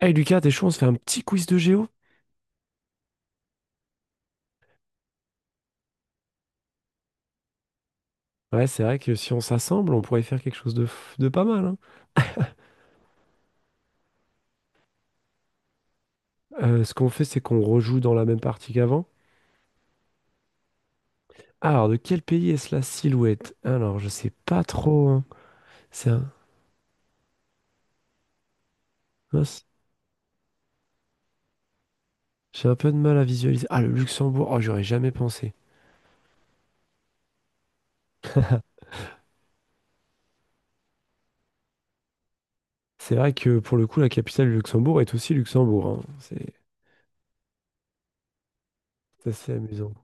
Hey Lucas, t'es chaud, on se fait un petit quiz de géo? Ouais, c'est vrai que si on s'assemble, on pourrait faire quelque chose de pas mal, hein. Ce qu'on fait, c'est qu'on rejoue dans la même partie qu'avant. Alors, de quel pays est-ce la silhouette? Alors, je sais pas trop, hein. C'est un... mince, j'ai un peu de mal à visualiser. Ah, le Luxembourg. Oh, j'aurais jamais pensé. C'est vrai que pour le coup, la capitale du Luxembourg est aussi Luxembourg, hein. C'est assez amusant.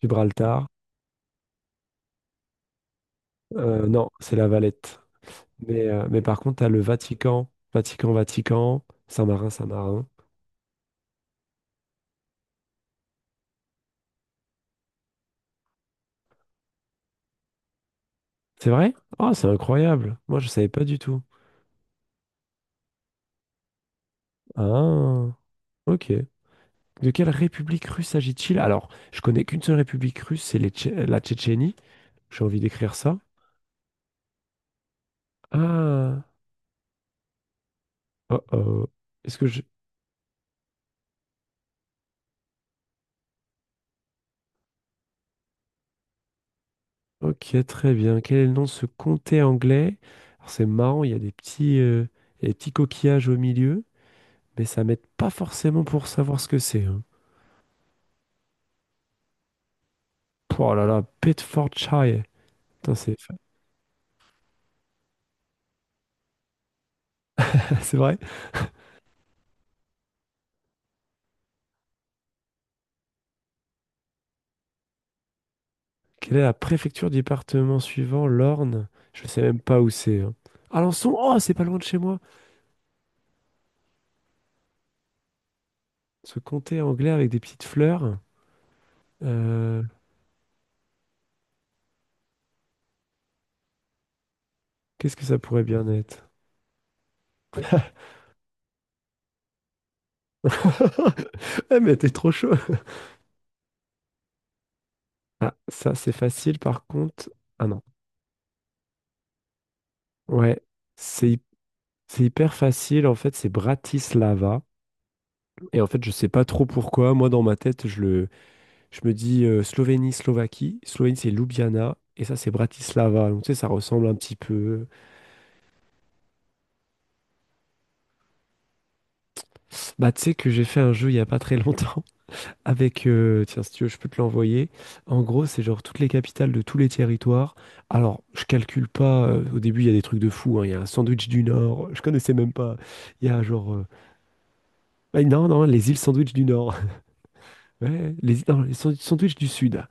Gibraltar. Non, c'est la Valette. Mais par contre, t'as le Vatican. Vatican, Vatican. Saint-Marin, Saint-Marin. C'est vrai? Oh, c'est incroyable. Moi, je savais pas du tout. Ah, ok. De quelle république russe s'agit-il? Alors, je connais qu'une seule république russe, c'est la Tchétchénie. J'ai envie d'écrire ça. Ah, oh oh. Est-ce que je... Ok, très bien. Quel est le nom de ce comté anglais? Alors, c'est marrant, il y a il y a des petits coquillages au milieu, mais ça m'aide pas forcément pour savoir ce que c'est, hein. Oh là là, Bedfordshire. Putain, c'est c'est vrai? Quelle est la préfecture du département suivant, l'Orne? Je ne sais même pas où c'est, hein. Alençon, oh, c'est pas loin de chez moi. Ce comté anglais avec des petites fleurs. Euh, Qu'est-ce que ça pourrait bien être? Eh, mais t'es trop chaud. Ah, ça, c'est facile, par contre. Ah non. Ouais, c'est hy- c'est hyper facile. En fait, c'est Bratislava. Et en fait, je sais pas trop pourquoi. Moi, dans ma tête, je me dis Slovénie, Slovaquie. Slovénie, c'est Ljubljana. Et ça, c'est Bratislava. Donc, tu sais, ça ressemble un petit peu. Bah, tu sais que j'ai fait un jeu il y a pas très longtemps tiens, si tu veux, je peux te l'envoyer. En gros, c'est genre toutes les capitales de tous les territoires. Alors, je calcule pas. Au début, il y a des trucs de fou, hein. Il y a un sandwich du Nord. Je connaissais même pas. Il y a non, non, les îles sandwich du Nord. Ouais, non, sandwich du Sud.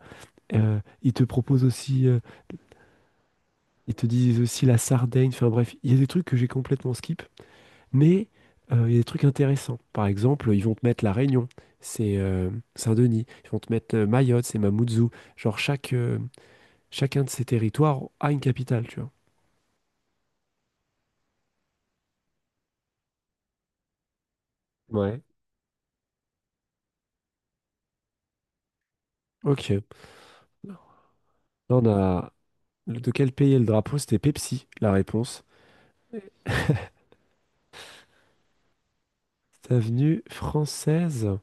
Ils te proposent aussi, ils te disent aussi la Sardaigne. Enfin bref, il y a des trucs que j'ai complètement skip. Mais il y a des trucs intéressants. Par exemple, ils vont te mettre La Réunion, c'est Saint-Denis. Ils vont te mettre Mayotte, c'est Mamoudzou. Genre, chacun de ces territoires a une capitale, tu vois. Ouais. Ok. Là, on a... De quel pays est le drapeau? C'était Pepsi, la réponse. C'est Avenue française.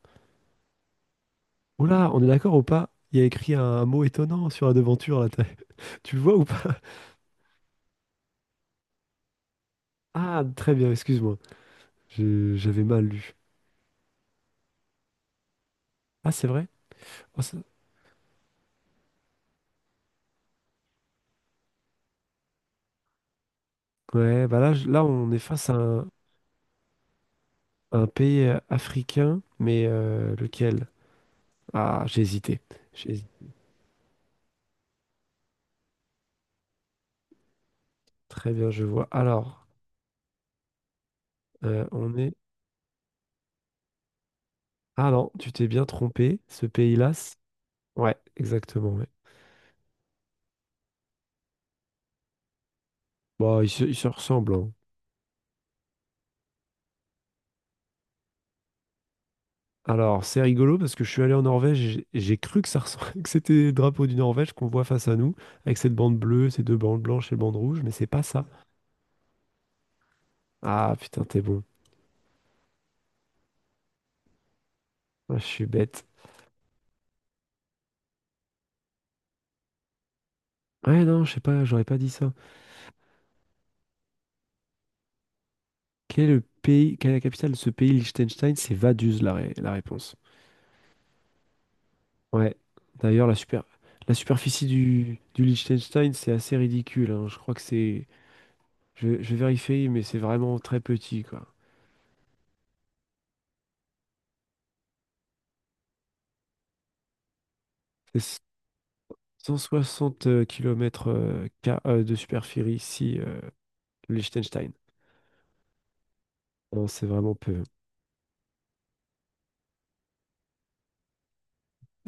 Oula, on est d'accord ou pas? Il y a écrit un mot étonnant sur la devanture, là. T'as- Tu le vois ou pas? Ah, très bien, excuse-moi. J'avais mal lu. Ah, c'est vrai? Oh, ça- Ouais, bah là, là, on est face à un... Un pays africain, mais lequel? Ah, j'ai hésité. J'ai hésité. Très bien, je vois. Alors, on est... Ah non, tu t'es bien trompé. Ce pays-là, ouais, exactement. Ouais. Bon, ils se ressemblent, hein. Alors, c'est rigolo parce que je suis allé en Norvège et j'ai cru que ça ressemblait, que c'était le drapeau du Norvège qu'on voit face à nous, avec cette bande bleue, ces deux bandes blanches et bandes rouges, mais c'est pas ça. Ah putain, t'es bon. Ah, je suis bête. Ouais, non, je sais pas, j'aurais pas dit ça. Quelle est la capitale de ce pays, Liechtenstein? C'est Vaduz, la réponse. Ouais. D'ailleurs, la superficie du Liechtenstein, c'est assez ridicule, hein. Je crois que c'est. Je vais vérifier, mais c'est vraiment très petit, quoi. C'est 160 km de superficie, ici, le Liechtenstein. Non, c'est vraiment peu.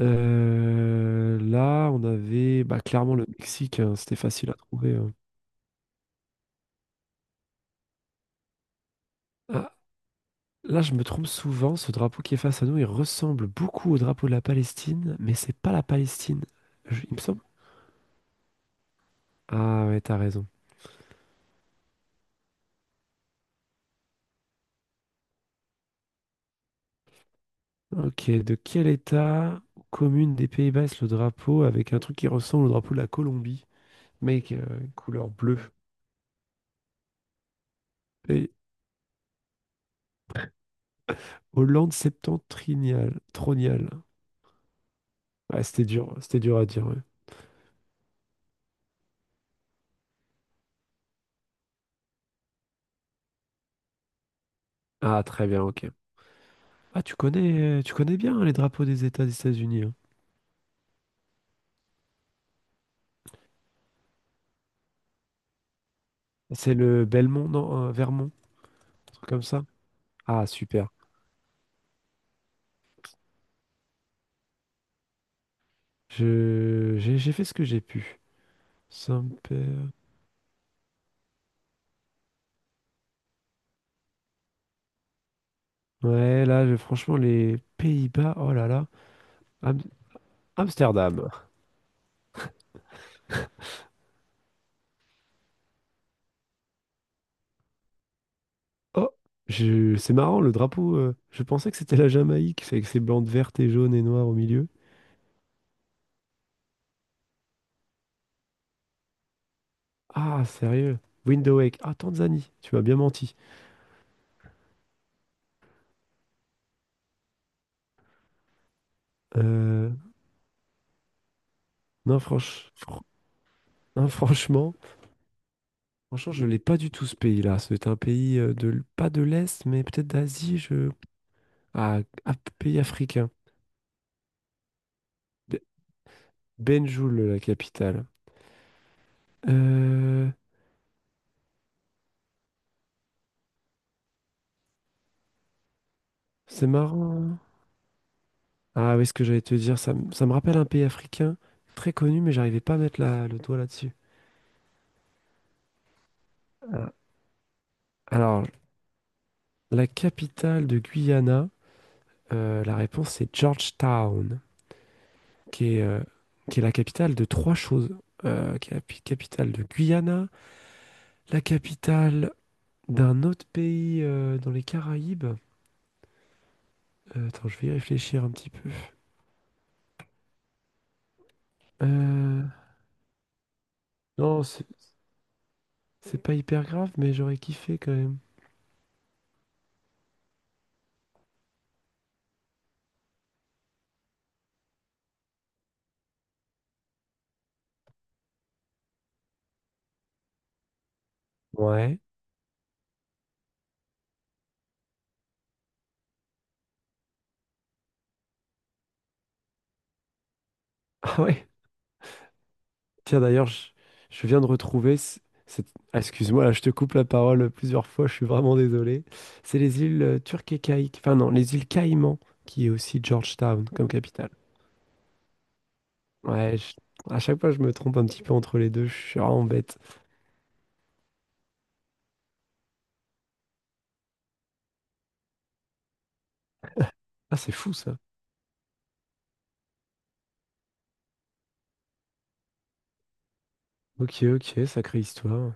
Là, on avait bah, clairement le Mexique, hein. C'était facile à trouver, hein. Là, je me trompe souvent, ce drapeau qui est face à nous, il ressemble beaucoup au drapeau de la Palestine, mais c'est pas la Palestine, il me semble. Ah ouais, t'as raison. Ok, de quel état ou commune des Pays-Bas est le drapeau avec un truc qui ressemble au drapeau de la Colombie, mais qui a une couleur bleue? Et Hollande septentrionale, troniale. Ouais, c'était dur à dire, ouais. Ah, très bien, ok. Ah, tu connais, bien hein, les drapeaux des États-Unis, hein. C'est le Belmont, non, Vermont, un truc comme ça. Ah, super. Je, j'ai fait ce que j'ai pu. Saint-Pé- Ouais, là, franchement, les Pays-Bas, oh là là. Am- Amsterdam. Oh, c'est marrant, le drapeau. Je pensais que c'était la Jamaïque, avec ses bandes vertes et jaunes et noires au milieu. Ah, sérieux. Window Wake. Ah, Tanzanie, tu m'as bien menti. Euh, non, non, franchement, je l'ai pas du tout ce pays-là. C'est un pays pas de l'Est, mais peut-être d'Asie, je... Ah, ah, pays africain. Be- Banjul, la capitale. Euh, c'est marrant, hein. Ah oui, ce que j'allais te dire, ça me rappelle un pays africain très connu, mais j'arrivais pas à mettre le doigt là-dessus. Euh, Alors, la capitale de Guyana, la réponse c'est Georgetown, qui est, euh, qui est la capitale de trois choses. Qui est capitale de Guyana, la capitale d'un autre pays dans les Caraïbes. Attends, je vais y réfléchir un petit peu. Euh, non, c'est pas hyper grave, mais j'aurais kiffé quand même. Ouais. Ah ouais. Tiens, d'ailleurs, je viens de retrouver. Cette- ah, excuse-moi, là, je te coupe la parole plusieurs fois, je suis vraiment désolé. C'est les îles Turques et Caïques. Enfin, non, les îles Caïmans, qui est aussi Georgetown comme capitale. Ouais, à chaque fois, je me trompe un petit peu entre les deux, je suis vraiment bête. Ah, c'est fou ça. Ok, ok, sacrée histoire.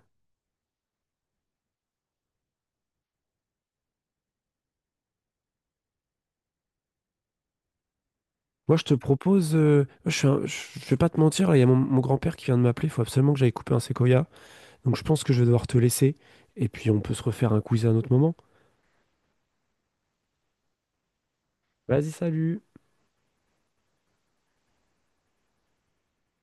Moi, je te propose. Je, suis un- je vais pas te mentir, là, il y a mon grand-père qui vient de m'appeler, il faut absolument que j'aille couper un séquoia. Donc, je pense que je vais devoir te laisser. Et puis, on peut se refaire un quiz à un autre moment. Vas-y, salut!